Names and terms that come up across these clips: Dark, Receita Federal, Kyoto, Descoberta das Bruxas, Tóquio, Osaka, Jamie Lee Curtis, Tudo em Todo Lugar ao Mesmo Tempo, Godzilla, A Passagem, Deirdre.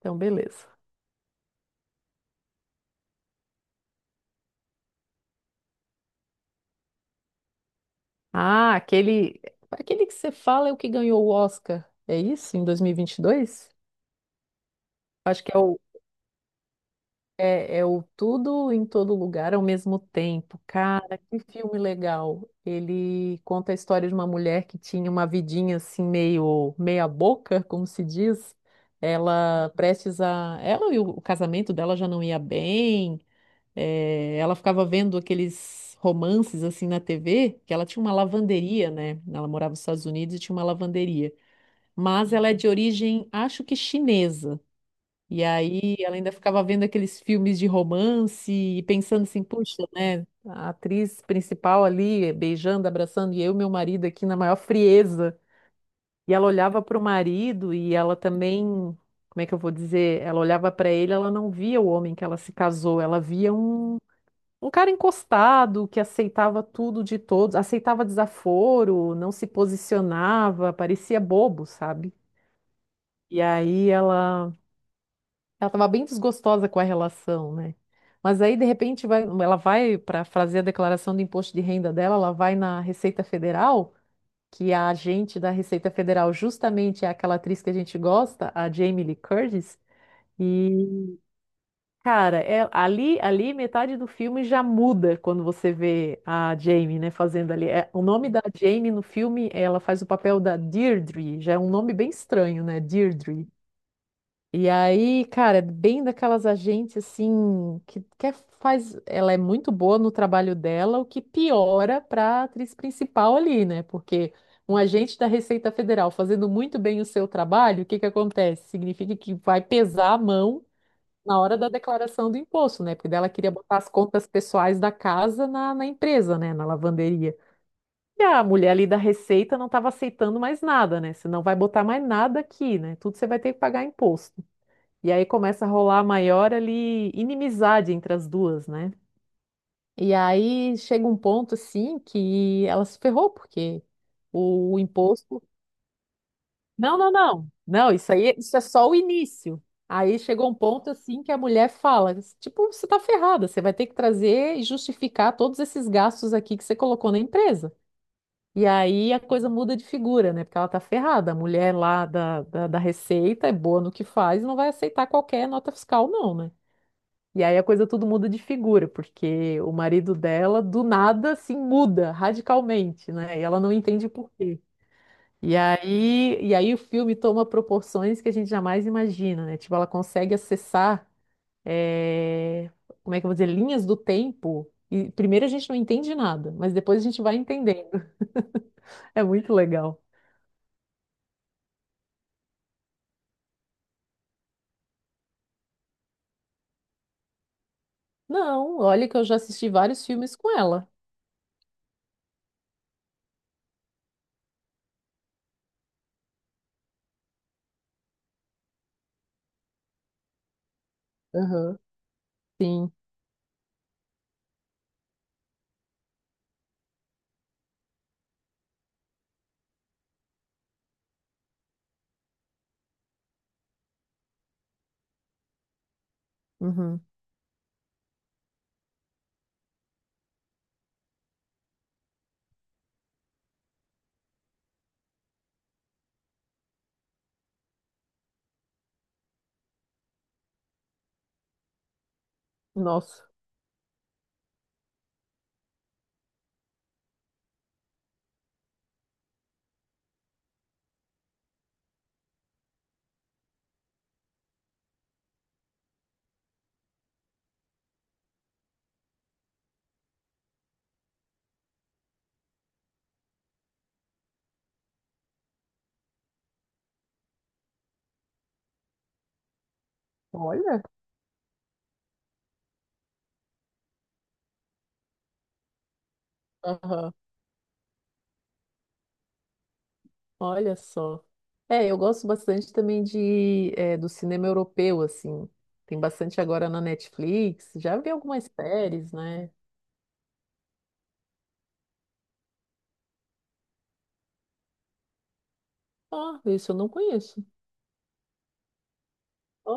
Então, beleza. Ah, aquele, aquele que você fala é o que ganhou o Oscar, é isso? Em 2022? Acho que é o, é, é o Tudo em Todo Lugar ao Mesmo Tempo. Cara, que filme legal. Ele conta a história de uma mulher que tinha uma vidinha assim, meio meia boca, como se diz. Ela prestes a. Ela e o casamento dela já não ia bem. Ela ficava vendo aqueles romances assim na TV, que ela tinha uma lavanderia, né? Ela morava nos Estados Unidos e tinha uma lavanderia. Mas ela é de origem, acho que chinesa. E aí ela ainda ficava vendo aqueles filmes de romance e pensando assim, puxa, né? A atriz principal ali beijando, abraçando, e eu e meu marido aqui na maior frieza. E ela olhava para o marido e como é que eu vou dizer? Ela olhava para ele, ela não via o homem que ela se casou, ela via um cara encostado que aceitava tudo de todos, aceitava desaforo, não se posicionava, parecia bobo, sabe? E ela tava bem desgostosa com a relação, né? Mas aí de repente vai, ela vai para fazer a declaração do imposto de renda dela, ela vai na Receita Federal, que a agente da Receita Federal justamente é aquela atriz que a gente gosta, a Jamie Lee Curtis. Cara, ali, ali metade do filme já muda quando você vê a Jamie, né, fazendo ali. É, o nome da Jamie no filme, ela faz o papel da Deirdre, já é um nome bem estranho, né, Deirdre. E aí, cara, é bem daquelas agentes assim que ela é muito boa no trabalho dela, o que piora para a atriz principal ali, né? Porque um agente da Receita Federal fazendo muito bem o seu trabalho, o que que acontece? Significa que vai pesar a mão na hora da declaração do imposto, né? Porque daí ela queria botar as contas pessoais da casa na empresa, né? Na lavanderia. E a mulher ali da Receita não estava aceitando mais nada, né? Você não vai botar mais nada aqui, né? Tudo você vai ter que pagar imposto. E aí começa a rolar a maior ali inimizade entre as duas, né? E aí chega um ponto assim que ela se ferrou, porque o imposto. Não, não, não. Não, isso aí, isso é só o início. Aí chegou um ponto assim que a mulher fala, tipo, você tá ferrada, você vai ter que trazer e justificar todos esses gastos aqui que você colocou na empresa. E aí a coisa muda de figura, né? Porque ela tá ferrada. A mulher lá da Receita é boa no que faz, e não vai aceitar qualquer nota fiscal, não, né? E aí a coisa tudo muda de figura, porque o marido dela, do nada, assim, muda radicalmente, né? E ela não entende por quê. E aí o filme toma proporções que a gente jamais imagina, né? Tipo, ela consegue acessar, eh, como é que eu vou dizer, linhas do tempo. E primeiro a gente não entende nada, mas depois a gente vai entendendo. É muito legal. Não, olha que eu já assisti vários filmes com ela. Aham. Sim. Uhum. Nossa. Olha. Aham. Olha só. É, eu gosto bastante também de do cinema europeu, assim. Tem bastante agora na Netflix. Já vi algumas séries, né? Ah, isso eu não conheço. Ó,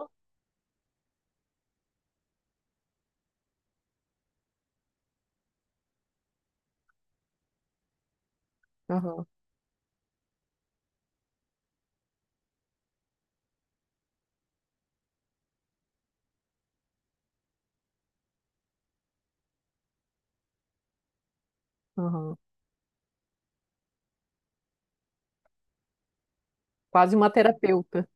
aham, aham. Quase uma terapeuta.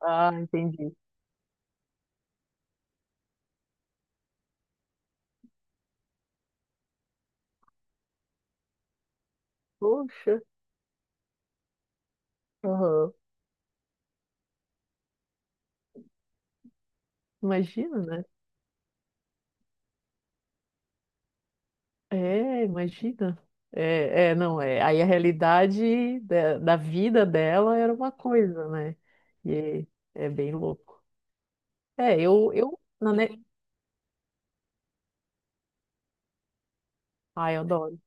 Ah, entendi. Poxa, aham. Imagina, né? É, imagina. Não, é. Aí a realidade da vida dela era uma coisa, né? E é bem louco. É, Ai, eu adoro.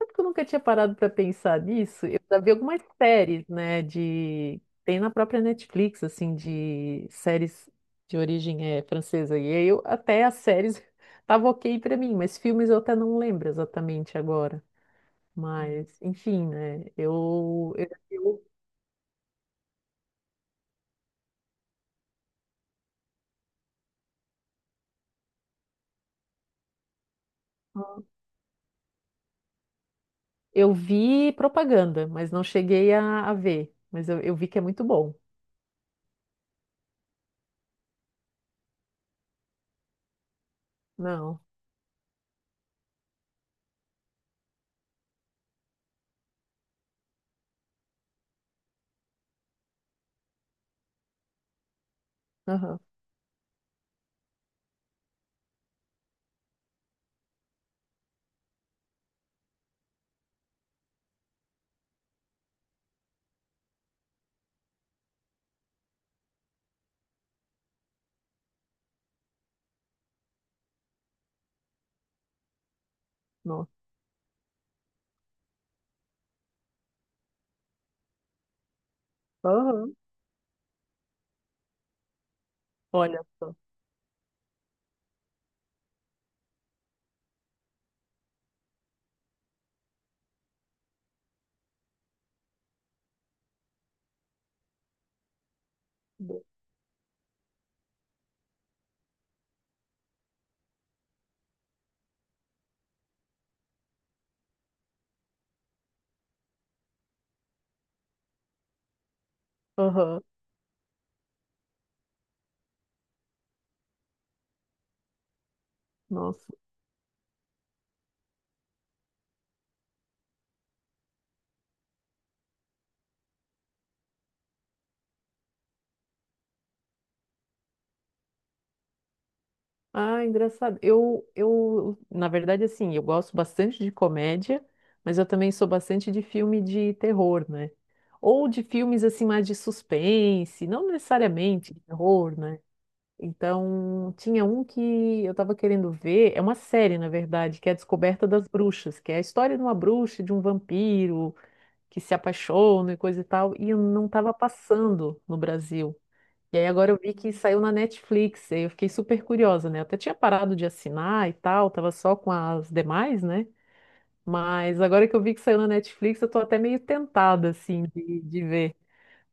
Sabe que eu nunca tinha parado para pensar nisso? Eu já vi algumas séries, né, de... Tem na própria Netflix, assim, de séries de origem francesa. E aí eu, até as séries tava ok para mim, mas filmes eu até não lembro exatamente agora. Mas, enfim, né, eu eu vi propaganda, mas não cheguei a ver. Mas eu vi que é muito bom. Não. Aham. Nossa. Aham. Olha só. Aham. Nossa. Ah, engraçado. Na verdade, assim, eu gosto bastante de comédia, mas eu também sou bastante de filme de terror, né? Ou de filmes, assim, mais de suspense, não necessariamente de terror, né? Então, tinha um que eu tava querendo ver, é uma série, na verdade, que é a Descoberta das Bruxas, que é a história de uma bruxa e de um vampiro que se apaixona e coisa e tal, e eu não tava passando no Brasil. E aí agora eu vi que saiu na Netflix, e aí eu fiquei super curiosa, né? Eu até tinha parado de assinar e tal, tava só com as demais, né? Mas agora que eu vi que saiu na Netflix, eu tô até meio tentada, assim, de ver.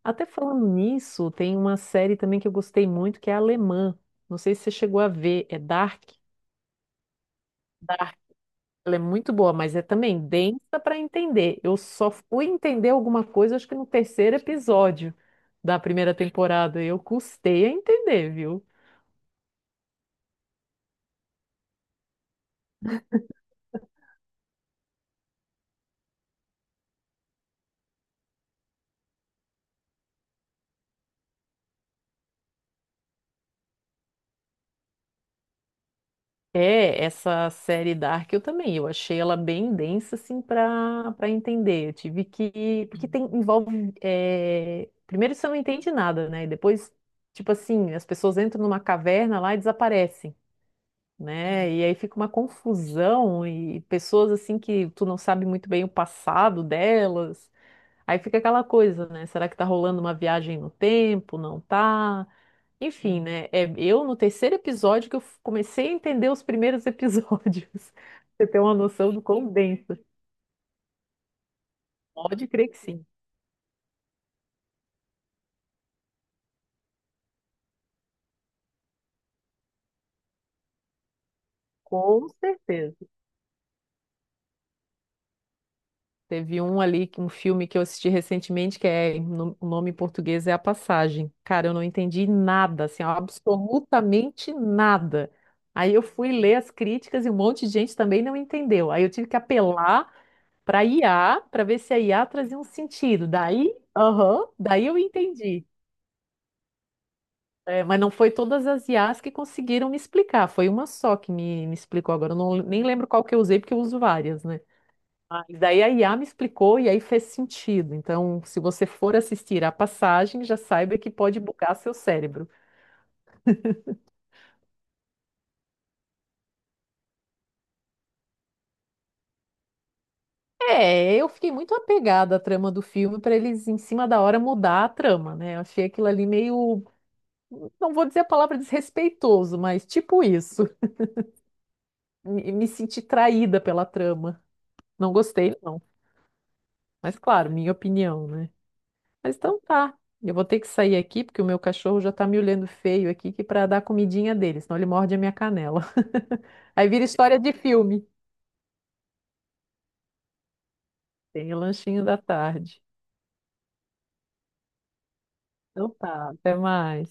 Até falando nisso, tem uma série também que eu gostei muito, que é alemã. Não sei se você chegou a ver, é Dark. Dark, ela é muito boa, mas é também densa para entender. Eu só fui entender alguma coisa, acho que no terceiro episódio da primeira temporada. Eu custei a entender, viu? É, essa série Dark eu também, eu achei ela bem densa, assim, para entender. Eu tive que. Porque tem, envolve. Primeiro você não entende nada, né? E depois, tipo assim, as pessoas entram numa caverna lá e desaparecem, né? E aí fica uma confusão e pessoas, assim, que tu não sabe muito bem o passado delas. Aí fica aquela coisa, né? Será que tá rolando uma viagem no tempo? Não tá? Enfim, né? É, eu no terceiro episódio que comecei a entender os primeiros episódios. Você tem uma noção do quão denso. Pode crer que sim. Com certeza. Teve um ali, um filme que eu assisti recentemente, que o nome em português é A Passagem. Cara, eu não entendi nada, assim, absolutamente nada. Aí eu fui ler as críticas e um monte de gente também não entendeu. Aí eu tive que apelar para IA, para ver se a IA trazia um sentido. Daí, aham, daí eu entendi. É, mas não foi todas as IAs que conseguiram me explicar, foi uma só que me explicou agora. Eu não, nem lembro qual que eu usei, porque eu uso várias, né? Mas daí a IA me explicou e aí fez sentido. Então, se você for assistir a passagem, já saiba que pode bugar seu cérebro. É, eu fiquei muito apegada à trama do filme para eles, em cima da hora, mudar a trama, né? Eu achei aquilo ali meio. Não vou dizer a palavra desrespeitoso, mas tipo isso. Me senti traída pela trama. Não gostei, não. Mas, claro, minha opinião, né? Mas então tá. Eu vou ter que sair aqui porque o meu cachorro já tá me olhando feio aqui que para dar comidinha dele, senão ele morde a minha canela. Aí vira história de filme. Tem o lanchinho da tarde. Então tá, até mais.